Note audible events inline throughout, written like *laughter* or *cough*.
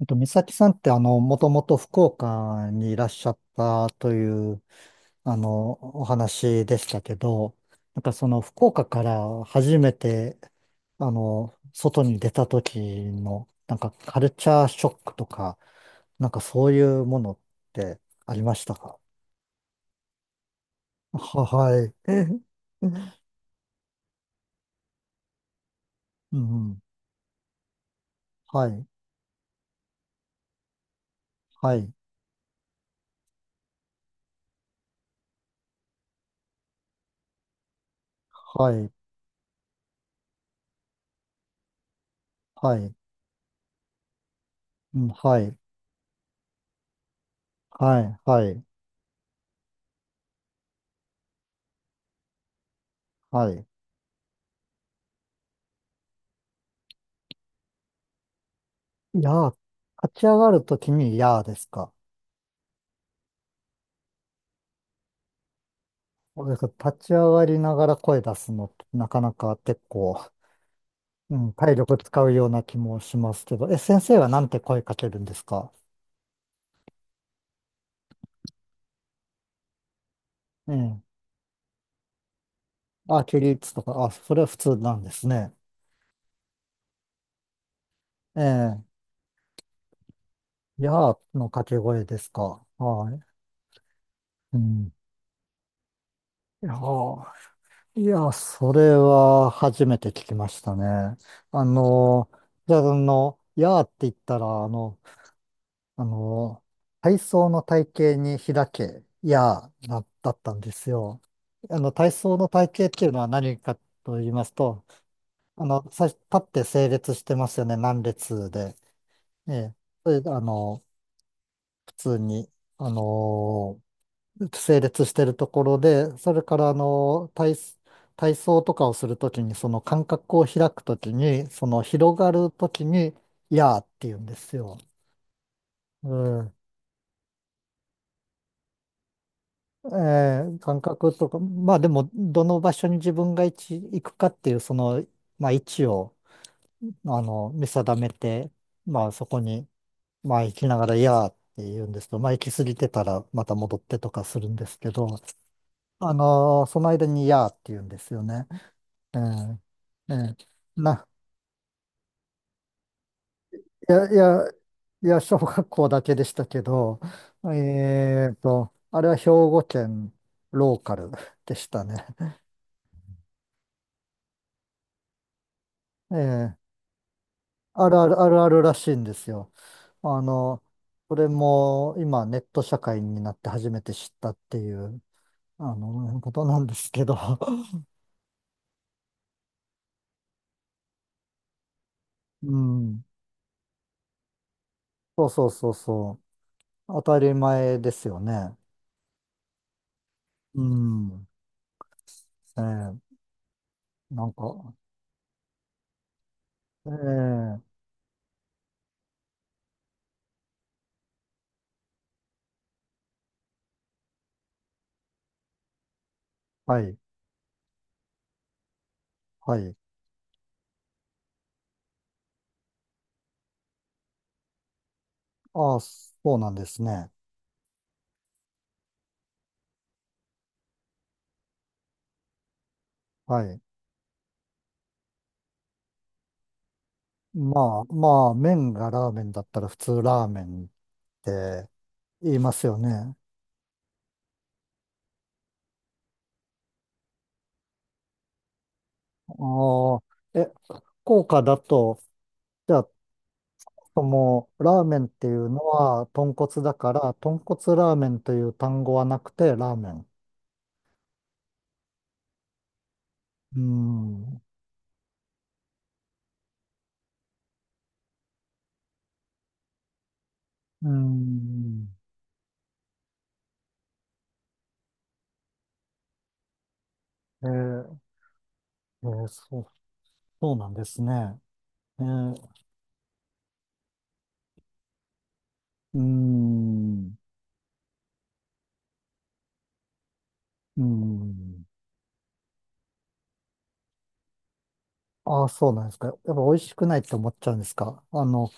美咲さんって、もともと福岡にいらっしゃったという、あの、お話でしたけど、なんかその福岡から初めて、外に出た時の、なんかカルチャーショックとか、なんかそういうものってありましたか？はい。うん、はい、はい、はい、はい、うん、はい、はい、はい、はい。やー、立ち上がるときにやーですか？俺立ち上がりながら声出すのってなかなか結構、うん、体力使うような気もしますけど、え、先生はなんて声かけるんですか？ええ。あ、起立とか、あ、それは普通なんですね。ええ。やーの掛け声ですか？はい。うん。いやー、いや、それは初めて聞きましたね。あの、じゃあ、やーって言ったら、あの、体操の体型に開け、いや、な、だったんですよ。体操の体型っていうのは何かと言いますと、最初立って整列してますよね、何列で。ええ。それで、普通に、あの、整列してるところで、それから、体操とかをするときに、その間隔を開くときに、その広がるときに、いやーって言うんですよ。うん。感覚とか、まあでも、どの場所に自分が位置行くかっていう、その、まあ位置を、見定めて、まあそこに、まあ行きながら、いやーって言うんですけど、まあ行き過ぎてたらまた戻ってとかするんですけど、その間に、いやーって言うんですよね。えーえーな、いや、いや、いや、小学校だけでしたけど、あれは兵庫県ローカルでしたね。ええ、あるあるあるあるらしいんですよ。あの、これも今ネット社会になって初めて知ったっていう、ことなんですけど。*laughs* うん。そうそうそうそう。当たり前ですよね。うん。ええ、なんか、ええ、はい、はい。ああ、そうなんですね。はい。まあ、まあ、麺がラーメンだったら普通ラーメンって言いますよね。ああ、え、福岡だと、じゃあとも、ラーメンっていうのは豚骨だから、豚骨ラーメンという単語はなくて、ラーメン。うん。うん。えーそう、そうなんですね。えー、うん。うん。ああ、そうなんですか。やっぱ美味しくないって思っちゃうんですか？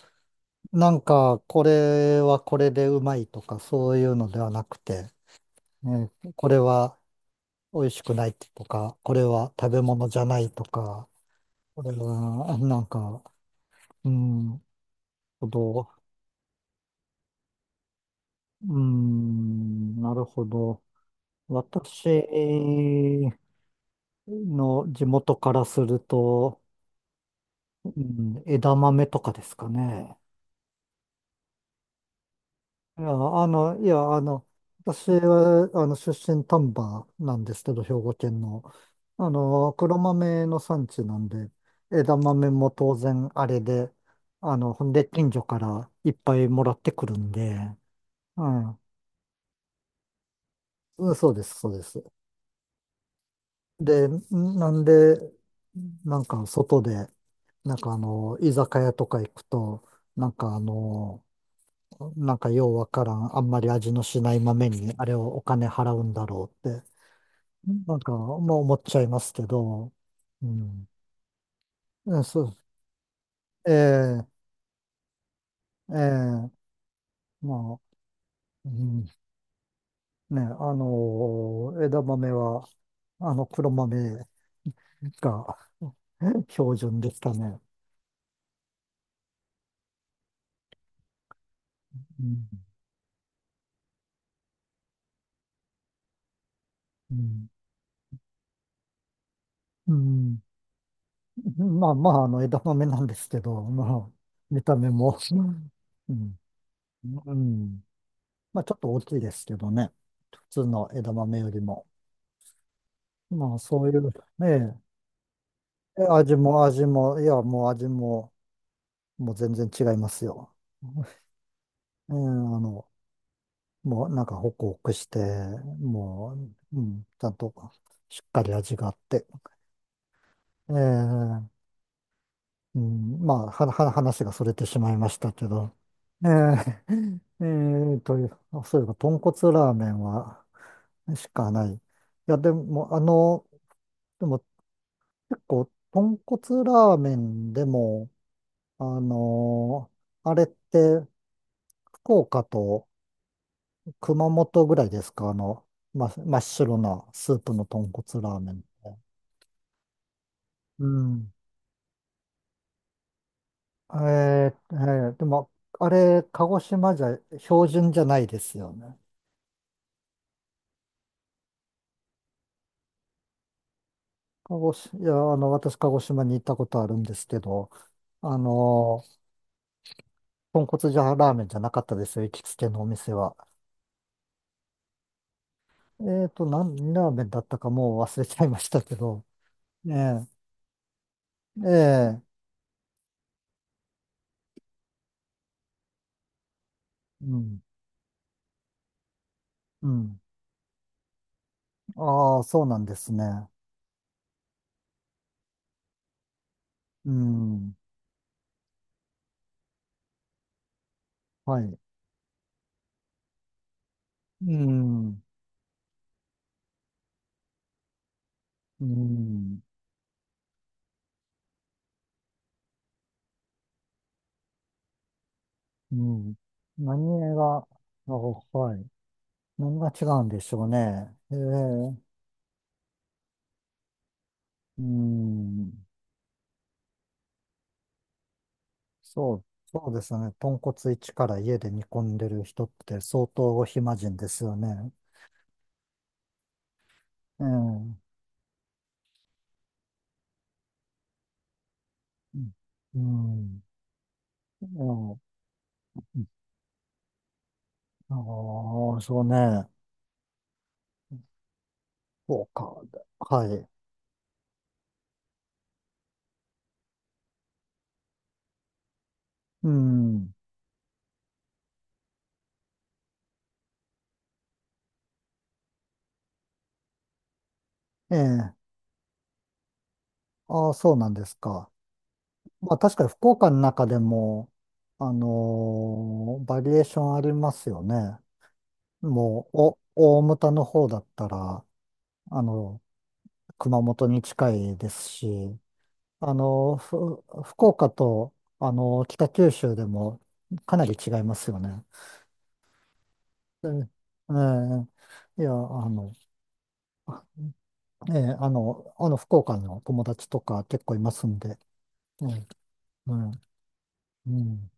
なんか、これはこれでうまいとか、そういうのではなくて、ね、これは美味しくないとか、これは食べ物じゃないとか、これは、なんか、うん、なるほど。うん、なるほど。私の地元からすると、うん、枝豆とかですかね。いや、あの、いや、あの、私は、出身丹波なんですけど、兵庫県の。黒豆の産地なんで、枝豆も当然あれで、ほんで近所からいっぱいもらってくるんで、うん、うん、そうです、そうです。で、なんで、なんか外で、なんか居酒屋とか行くと、なんかなんかようわからん、あんまり味のしない豆に、あれをお金払うんだろうって、なんか、まあ思っちゃいますけど、うん。そう、ええええまあ、うん、ね、枝豆は、黒豆が *laughs* 標準でしたね。うん。うん。うん、まあまあ、枝豆なんですけど、まあ、見た目も、うん、うん。まあ、ちょっと大きいですけどね。普通の枝豆よりも。まあ、そういう、ねえ、味も味も、いや、もう味も、もう全然違いますよ。ええ、の、もうなんかホクホクして、もう、うん、ちゃんとしっかり味があって。ええ、うん、まあ、話がそれてしまいましたけど。えー、*laughs* えーと、そういえば、豚骨ラーメンは、しかない。いや、でも、でも、結構、豚骨ラーメンでも、あのあれって、福岡と熊本ぐらいですか？真っ白なスープの豚骨ラーメンって。うん。でも、あれ、鹿児島じゃ標準じゃないですよね。鹿児島、いや、私、鹿児島に行ったことあるんですけど、あの、豚骨じゃラーメンじゃなかったですよ、行きつけのお店は。ラーメンだったかもう忘れちゃいましたけど、ええ、ええ、うん、うん。ああ、そうなんですね。うん、はい。うん、うん、うん。何が、あ、はい。何が違うんでしょうね。ええ、うん。そう、そうですね。豚骨一から家で煮込んでる人って相当お暇人ですよね。ええ。うん。うん、ああ、そうね。そうか。はい。うん。ええ。ああ、そうなんですか。まあ確かに福岡の中でも、バリエーションありますよね。もう、大牟田の方だったら、あの、熊本に近いですし、あの、ふ福岡と、北九州でもかなり違いますよね。えええいや、ええ、福岡の友達とか結構いますんで、ええ、うん、うん。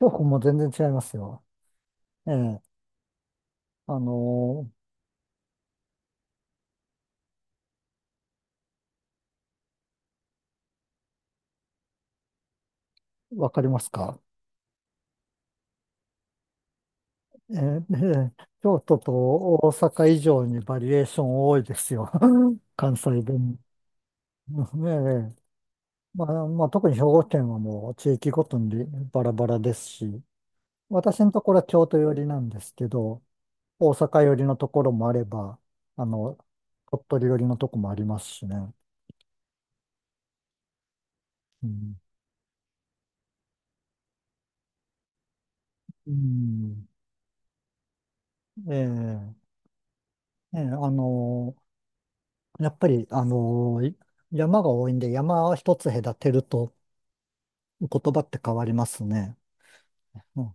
京子も全然違いますよ。ええ、あの、わかりますか？えええ京都と大阪以上にバリエーション多いですよ。*laughs* 関西弁。*laughs* ええ、まあ、まあ、特に兵庫県はもう地域ごとにバラバラですし、私のところは京都寄りなんですけど、大阪寄りのところもあれば、あの、鳥取寄りのとこもありますしね。うん。うん。ええ、ええ、やっぱり、山が多いんで、山を一つ隔てると言葉って変わりますね。うん。